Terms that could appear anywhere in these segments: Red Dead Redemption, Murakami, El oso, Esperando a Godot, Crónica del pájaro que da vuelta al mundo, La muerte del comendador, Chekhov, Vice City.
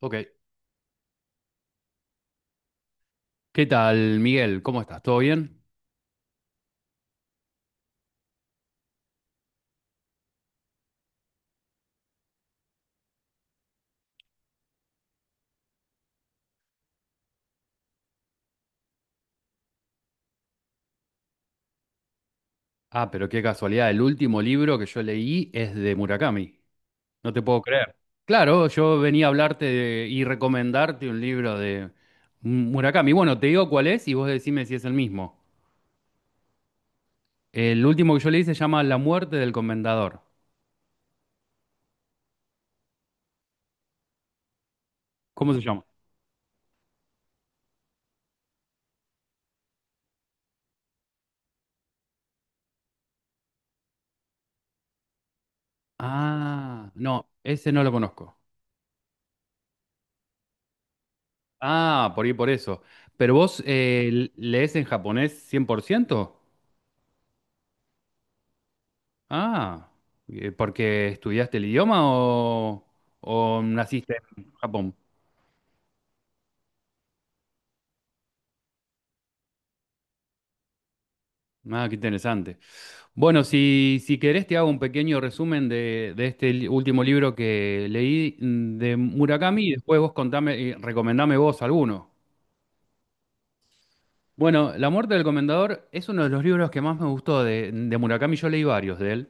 Ok. ¿Qué tal, Miguel? ¿Cómo estás? ¿Todo bien? Ah, pero qué casualidad. El último libro que yo leí es de Murakami. No te puedo creer. Claro, yo venía a hablarte y recomendarte un libro de Murakami. Bueno, te digo cuál es y vos decime si es el mismo. El último que yo leí se llama La muerte del comendador. ¿Cómo se llama? Ah, no, ese no lo conozco. Ah, por ahí por eso. ¿Pero vos lees en japonés 100%? Ah, ¿porque estudiaste el idioma o naciste en Japón? Ah, qué interesante. Bueno, si querés te hago un pequeño resumen de este último libro que leí, de Murakami, y después vos contame, y recomendame vos alguno. Bueno, La muerte del comendador es uno de los libros que más me gustó de Murakami. Yo leí varios de él.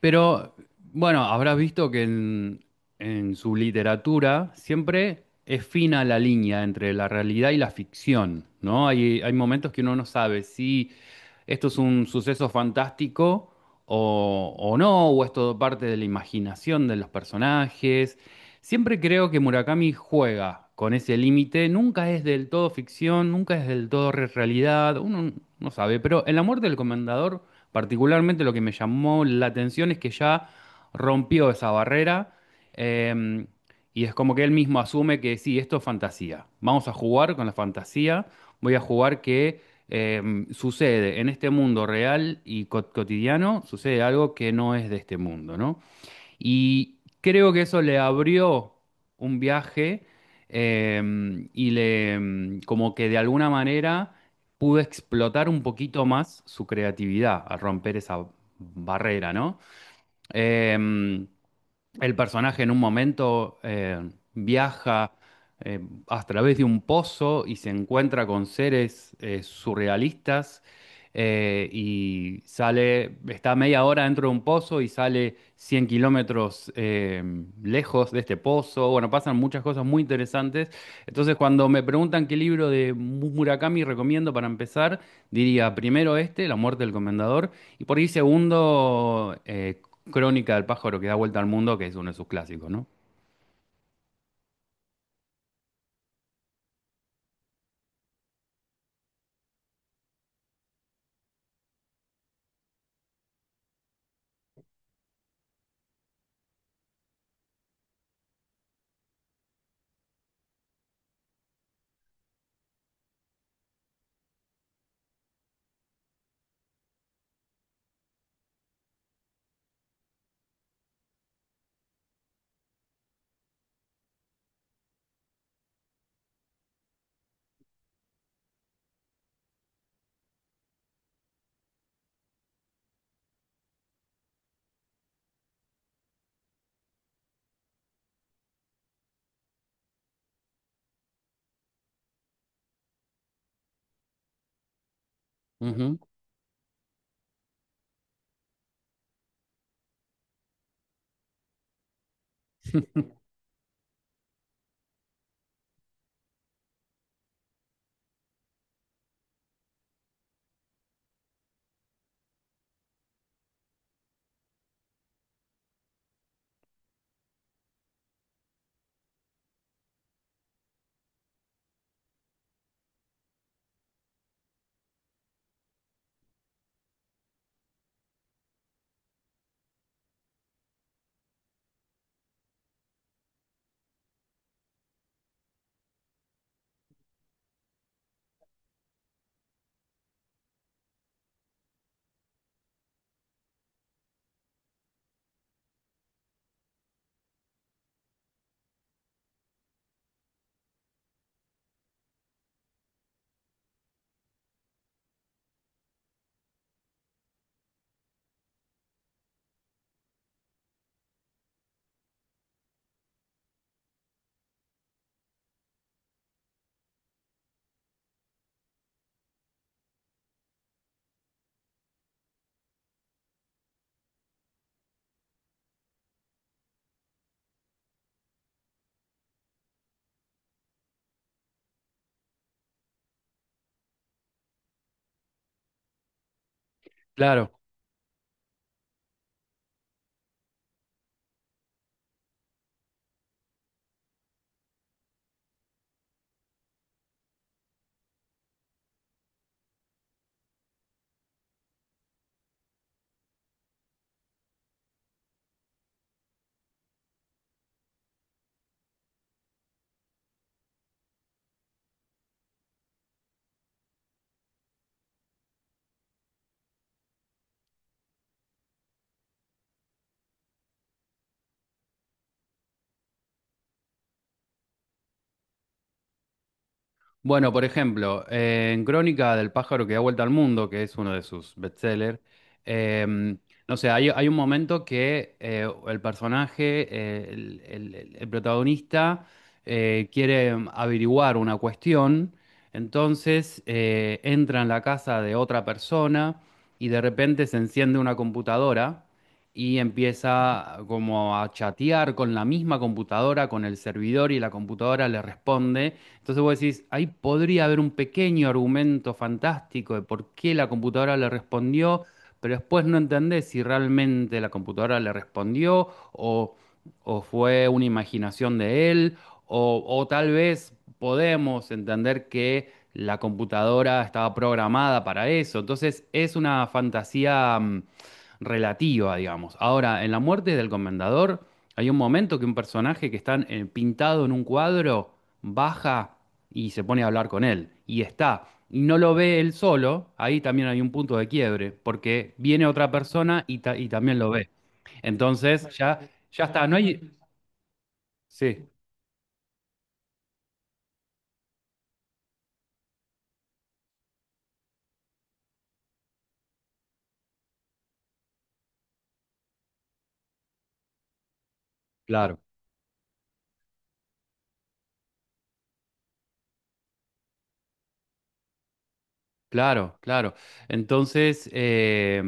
Pero bueno, habrás visto que en su literatura siempre es fina la línea entre la realidad y la ficción, ¿no? Hay momentos que uno no sabe si esto es un suceso fantástico o no, o es todo parte de la imaginación de los personajes. Siempre creo que Murakami juega con ese límite, nunca es del todo ficción, nunca es del todo realidad, uno no sabe, pero El amor del comendador, particularmente lo que me llamó la atención, es que ya rompió esa barrera, eh, y es como que él mismo asume que sí, esto es fantasía, vamos a jugar con la fantasía, voy a jugar que, sucede en este mundo real y cotidiano, sucede algo que no es de este mundo, ¿no? Y creo que eso le abrió un viaje, y le, como que de alguna manera pudo explotar un poquito más su creatividad al romper esa barrera, ¿no? Em, el personaje, en un momento, viaja, eh, a través de un pozo, y se encuentra con seres surrealistas, y sale, está media hora dentro de un pozo y sale 100 kilómetros lejos de este pozo. Bueno, pasan muchas cosas muy interesantes. Entonces, cuando me preguntan qué libro de Murakami recomiendo para empezar, diría primero este, La muerte del comendador, y por ahí segundo, Crónica del pájaro que da vuelta al mundo, que es uno de sus clásicos, ¿no? Ujú, claro. Bueno, por ejemplo, en Crónica del pájaro que da vuelta al mundo, que es uno de sus bestsellers, em, no sé, hay un momento que, el personaje, el protagonista, quiere, averiguar una cuestión, entonces entra en la casa de otra persona y de repente se enciende una computadora y empieza como a chatear con la misma computadora, con el servidor, y la computadora le responde. Entonces vos decís, ahí podría haber un pequeño argumento fantástico de por qué la computadora le respondió, pero después no entendés si realmente la computadora le respondió, o fue una imaginación de él, o tal vez podemos entender que la computadora estaba programada para eso. Entonces, es una fantasía relativa, digamos. Ahora, en La muerte del comendador, hay un momento que un personaje que está pintado en un cuadro baja y se pone a hablar con él. Y está. Y no lo ve él solo, ahí también hay un punto de quiebre, porque viene otra persona y también lo ve. Entonces, ya, ya está, no hay. Sí, claro, claro, claro. Entonces,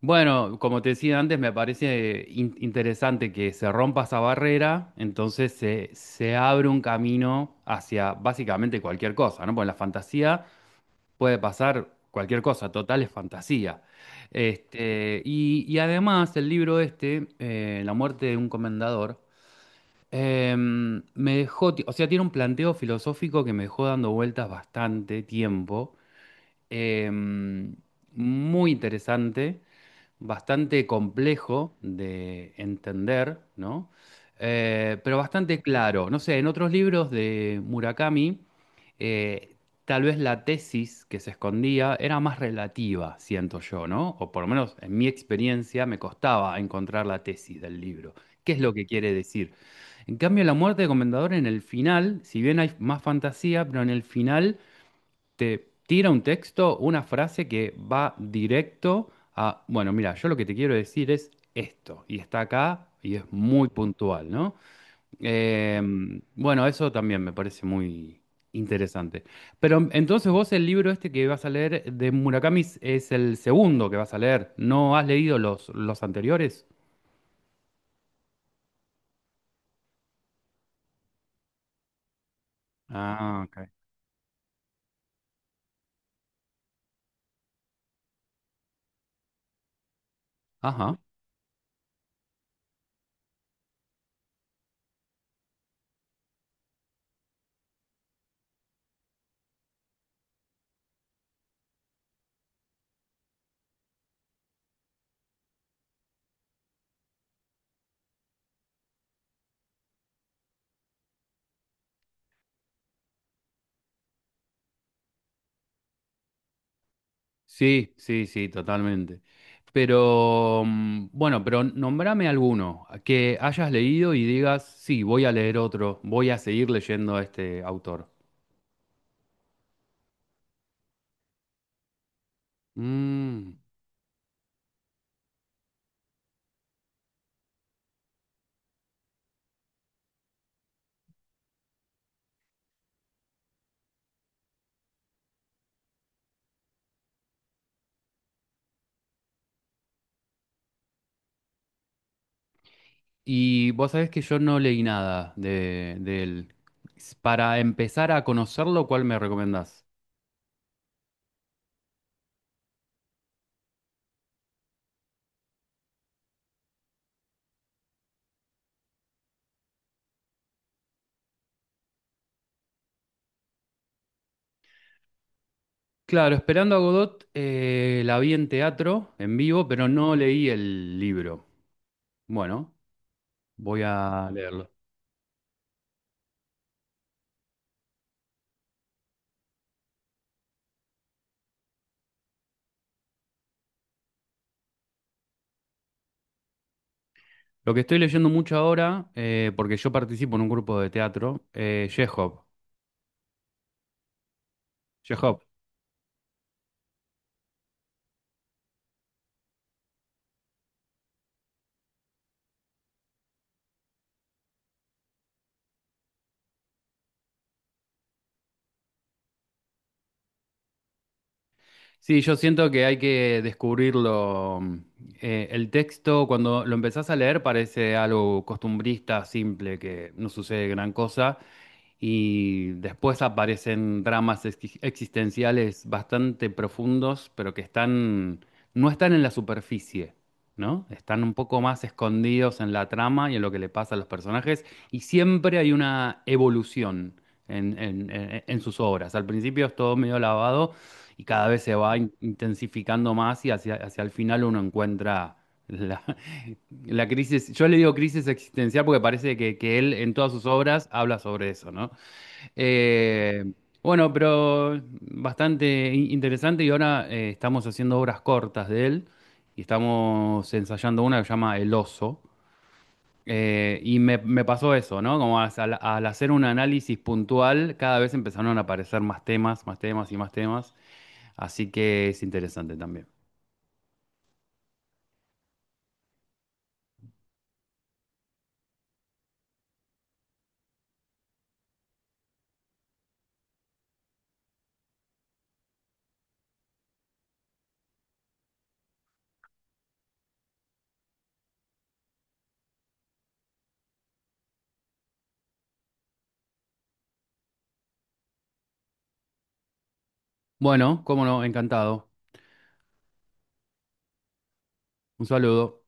bueno, como te decía antes, me parece interesante que se rompa esa barrera, entonces se abre un camino hacia básicamente cualquier cosa, ¿no? Porque la fantasía. Puede pasar cualquier cosa, total es fantasía. Este, y además el libro este, La muerte de un comendador, me dejó, o sea, tiene un planteo filosófico que me dejó dando vueltas bastante tiempo, muy interesante, bastante complejo de entender, ¿no? Pero bastante claro. No sé, en otros libros de Murakami, eh, tal vez la tesis que se escondía era más relativa, siento yo, ¿no? O por lo menos en mi experiencia me costaba encontrar la tesis del libro. ¿Qué es lo que quiere decir? En cambio, La muerte de Comendador, en el final, si bien hay más fantasía, pero en el final te tira un texto, una frase que va directo a, bueno, mira, yo lo que te quiero decir es esto, y está acá, y es muy puntual, ¿no? Eh, bueno, eso también me parece muy interesante. Pero entonces, vos el libro este que vas a leer de Murakami es el segundo que vas a leer, ¿no has leído los anteriores? Ah, ok. Ajá. Sí, sí, sí, totalmente. Pero bueno, pero nombrame alguno que hayas leído y digas, sí, voy a leer otro, voy a seguir leyendo a este autor. Mm, Y vos sabés que yo no leí nada de él. Para empezar a conocerlo, ¿cuál me recomendás? Claro, Esperando a Godot, la vi en teatro, en vivo, pero no leí el libro. Bueno, voy a leerlo. Lo que estoy leyendo mucho ahora, porque yo participo en un grupo de teatro, Chekhov. Chekhov, sí, yo siento que hay que descubrirlo. El texto, cuando lo empezás a leer, parece algo costumbrista, simple, que no sucede gran cosa. Y después aparecen dramas existenciales bastante profundos, pero que están, no están en la superficie, ¿no? Están un poco más escondidos en la trama y en lo que le pasa a los personajes. Y siempre hay una evolución en sus obras. Al principio es todo medio lavado y cada vez se va intensificando más, y hacia, hacia el final uno encuentra la, la crisis. Yo le digo crisis existencial porque parece que él, en todas sus obras, habla sobre eso, ¿no? Eh, bueno, pero bastante interesante, y ahora estamos haciendo obras cortas de él, y estamos ensayando una que se llama El oso. Y me pasó eso, ¿no? Como, al hacer un análisis puntual, cada vez empezaron a aparecer más temas y más temas. Así que es interesante también. Bueno, cómo no, encantado. Un saludo.